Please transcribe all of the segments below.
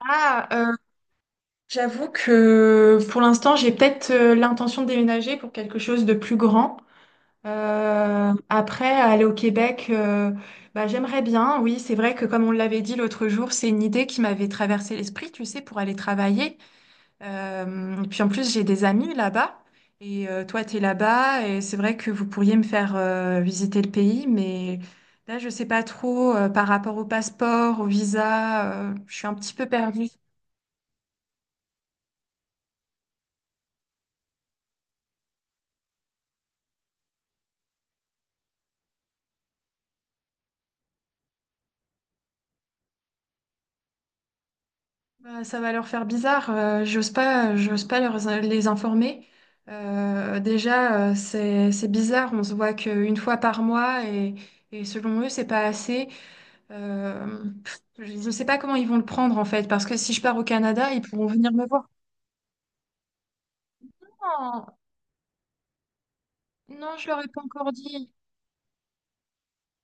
Ah, j'avoue que pour l'instant, j'ai peut-être l'intention de déménager pour quelque chose de plus grand. Après, aller au Québec, bah, j'aimerais bien. Oui, c'est vrai que comme on l'avait dit l'autre jour, c'est une idée qui m'avait traversé l'esprit, tu sais, pour aller travailler. Et puis en plus, j'ai des amis là-bas. Et toi, tu es là-bas. Et c'est vrai que vous pourriez me faire visiter le pays. Mais là, je sais pas trop par rapport au passeport, au visa. Je suis un petit peu perdue. Bah, ça va leur faire bizarre. J'ose pas leur, les informer. Déjà, c'est bizarre. On se voit qu'une fois par mois et selon eux, c'est pas assez. Pff, je ne sais pas comment ils vont le prendre en fait, parce que si je pars au Canada, ils pourront venir me voir. Non, non, je leur ai pas encore dit.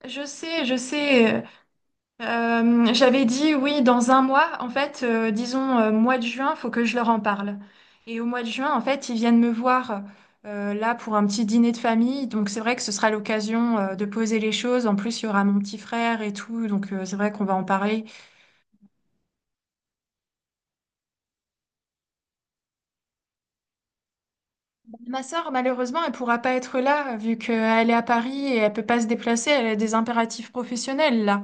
Je sais, je sais. J'avais dit oui, dans un mois, en fait, disons mois de juin, faut que je leur en parle. Et au mois de juin, en fait, ils viennent me voir là pour un petit dîner de famille. Donc c'est vrai que ce sera l'occasion de poser les choses. En plus, il y aura mon petit frère et tout, donc c'est vrai qu'on va en parler. Ma sœur, malheureusement, elle pourra pas être là vu qu'elle est à Paris et elle peut pas se déplacer. Elle a des impératifs professionnels là.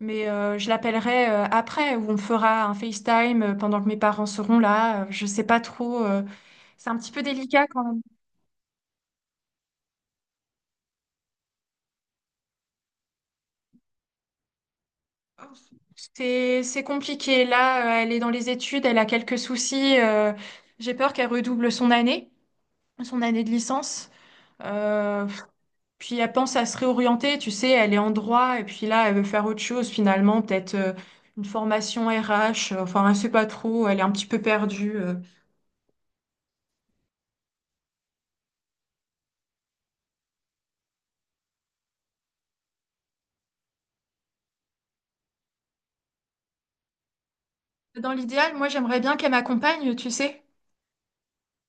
Mais je l'appellerai après, où on fera un FaceTime pendant que mes parents seront là. Je sais pas trop. C'est un petit peu délicat quand même. C'est compliqué. Là, elle est dans les études, elle a quelques soucis. J'ai peur qu'elle redouble son année de licence. Euh, puis elle pense à se réorienter. Tu sais, elle est en droit et puis là, elle veut faire autre chose finalement, peut-être une formation RH. Enfin, elle sait pas trop. Elle est un petit peu perdue. Dans l'idéal, moi, j'aimerais bien qu'elle m'accompagne. Tu sais,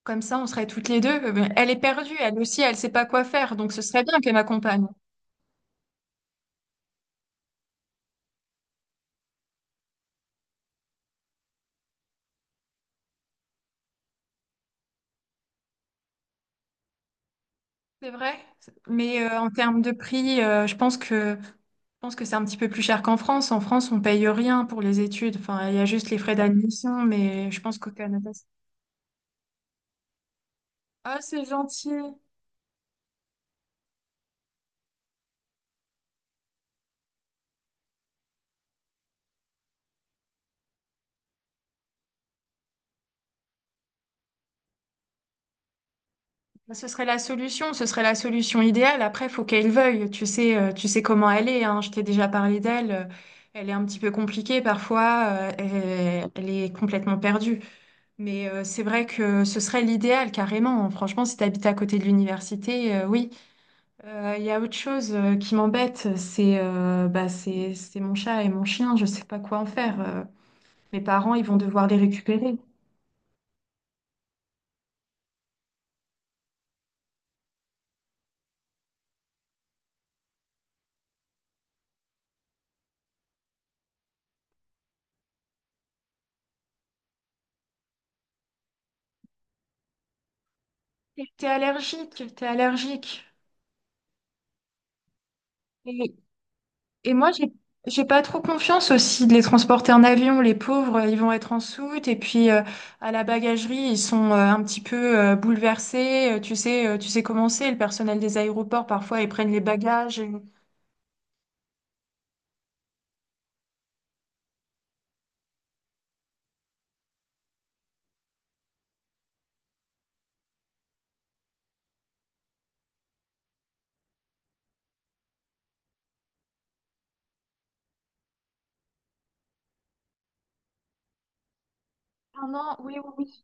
comme ça, on serait toutes les deux. Elle est perdue, elle aussi, elle sait pas quoi faire. Donc, ce serait bien qu'elle m'accompagne. C'est vrai, mais en termes de prix, je pense que c'est un petit peu plus cher qu'en France. En France, on paye rien pour les études. Enfin, il y a juste les frais d'admission, mais je pense qu'au Canada. Ah, c'est gentil. Bah, Ce serait la solution idéale. Après, il faut qu'elle veuille. Tu sais comment elle est, hein. Je t'ai déjà parlé d'elle. Elle est un petit peu compliquée parfois. Elle est complètement perdue. Mais c'est vrai que ce serait l'idéal, carrément. Franchement, si tu habites à côté de l'université, oui. Il y a autre chose qui m'embête, c'est bah, c'est mon chat et mon chien, je sais pas quoi en faire. Mes parents, ils vont devoir les récupérer. T'es allergique, t'es allergique. Et, et moi, j'ai pas trop confiance aussi de les transporter en avion. Les pauvres, ils vont être en soute. Et puis, à la bagagerie, ils sont un petit peu bouleversés. Tu sais comment c'est, le personnel des aéroports, parfois, ils prennent les bagages. Ah non, oui, oui, oui.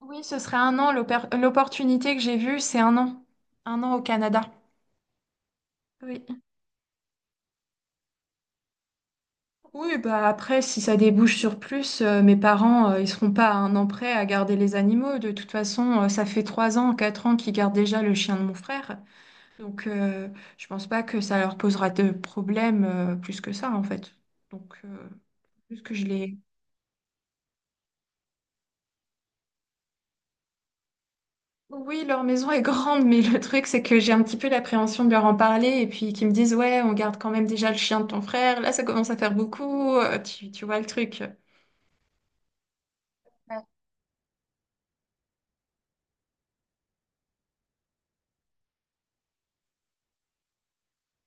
Oui, ce serait un an. L'opportunité que j'ai vue, c'est un an. Un an au Canada. Oui. Oui, bah après, si ça débouche sur plus, mes parents, ils seront pas à un an près à garder les animaux. De toute façon, ça fait trois ans, quatre ans qu'ils gardent déjà le chien de mon frère. Donc, je pense pas que ça leur posera de problème, plus que ça, en fait. Donc, juste que je les Oui, leur maison est grande, mais le truc, c'est que j'ai un petit peu l'appréhension de leur en parler et puis qu'ils me disent, ouais, on garde quand même déjà le chien de ton frère, là, ça commence à faire beaucoup, tu vois le truc. Ouais.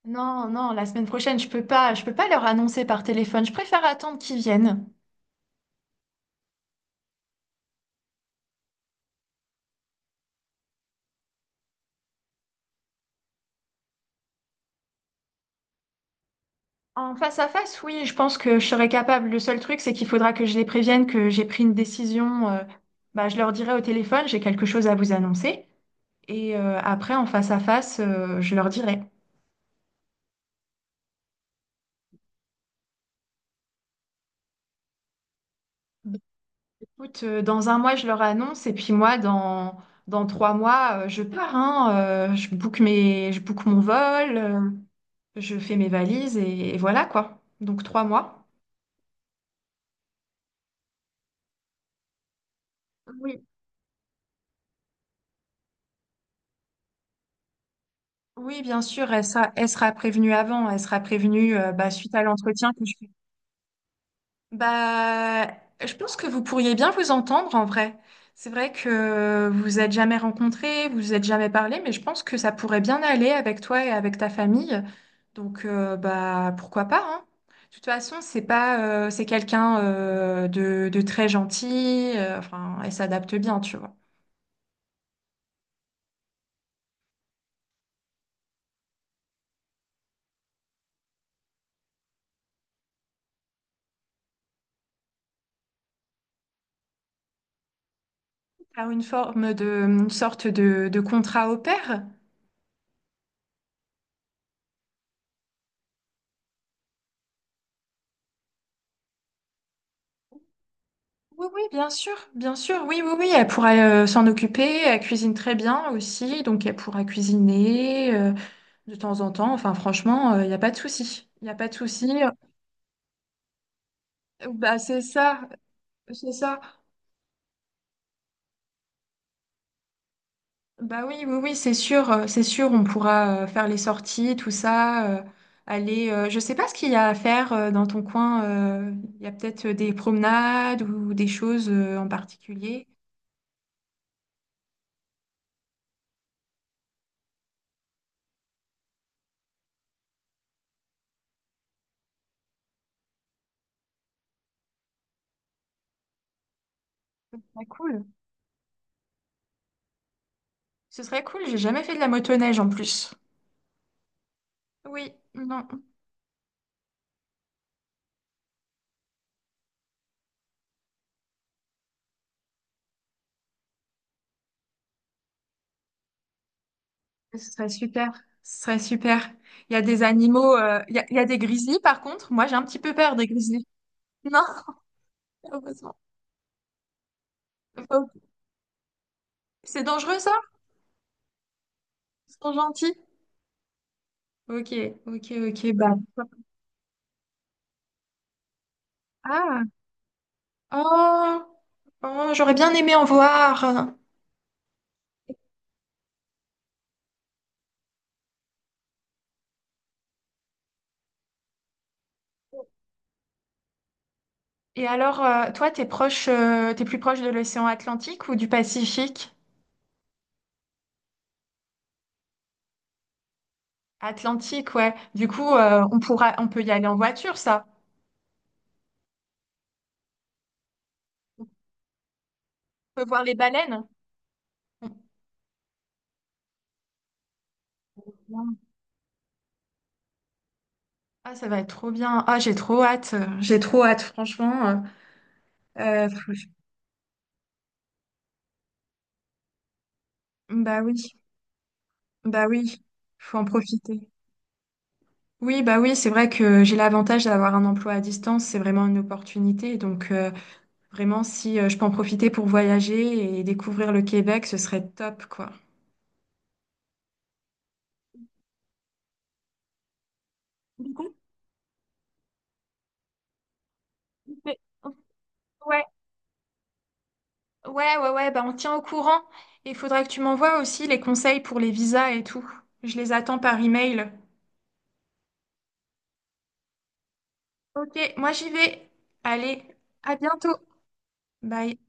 Non, non, la semaine prochaine, je peux pas leur annoncer par téléphone, je préfère attendre qu'ils viennent. En face à face, oui, je pense que je serai capable. Le seul truc, c'est qu'il faudra que je les prévienne que j'ai pris une décision. Bah, je leur dirai au téléphone, j'ai quelque chose à vous annoncer. Et après, en face à face, je leur dirai. Écoute, dans un mois, je leur annonce, et puis moi, dans trois mois, je pars, hein, je book mon vol, je fais mes valises, et voilà quoi. Donc trois mois. Oui. Oui, bien sûr, elle sera prévenue avant, elle sera prévenue bah, suite à l'entretien que je Bah, je pense que vous pourriez bien vous entendre en vrai. C'est vrai que vous vous êtes jamais rencontrés, vous vous êtes jamais parlé, mais je pense que ça pourrait bien aller avec toi et avec ta famille. Donc, bah, pourquoi pas, hein. De toute façon, c'est pas, c'est quelqu'un de très gentil, enfin, elle s'adapte bien, tu vois. T'as une forme de, une sorte de contrat au pair. Oui, oui, bien sûr, oui, oui, oui, elle pourra s'en occuper, elle cuisine très bien aussi, donc elle pourra cuisiner de temps en temps, enfin franchement, il n'y a pas de souci, il n'y a pas de souci. Bah c'est ça, bah oui, oui, oui, c'est sûr, on pourra faire les sorties, tout ça, aller, je sais pas ce qu'il y a à faire dans ton coin, il y a peut-être des promenades ou des choses en particulier, ce serait cool, ce serait cool, j'ai jamais fait de la motoneige en plus. Oui, non, ce serait super, ce serait super. Il y a des animaux, il y a des grizzlies par contre. Moi, j'ai un petit peu peur des grizzlies. Non, heureusement. Oh, c'est dangereux, ça? Ils sont gentils. Ok, ok, ok. Bah. Ah, oh, oh, j'aurais bien aimé en voir. Et alors, toi, t'es plus proche de l'océan Atlantique ou du Pacifique? Atlantique, ouais. Du coup, on peut y aller en voiture, ça. On peut voir les baleines. Ah, ça va être trop bien. Ah, j'ai trop hâte. J'ai trop hâte, franchement. Euh, faut- bah oui, bah oui, faut en profiter. Oui, bah oui, c'est vrai que j'ai l'avantage d'avoir un emploi à distance. C'est vraiment une opportunité. Donc, vraiment, si je peux en profiter pour voyager et découvrir le Québec, ce serait top, quoi. Mais- Ouais, ouais, ouais, ouais, bah on tient au courant. Il faudrait que tu m'envoies aussi les conseils pour les visas et tout. Je les attends par email. Ok, moi j'y vais. Allez, à bientôt. Bye.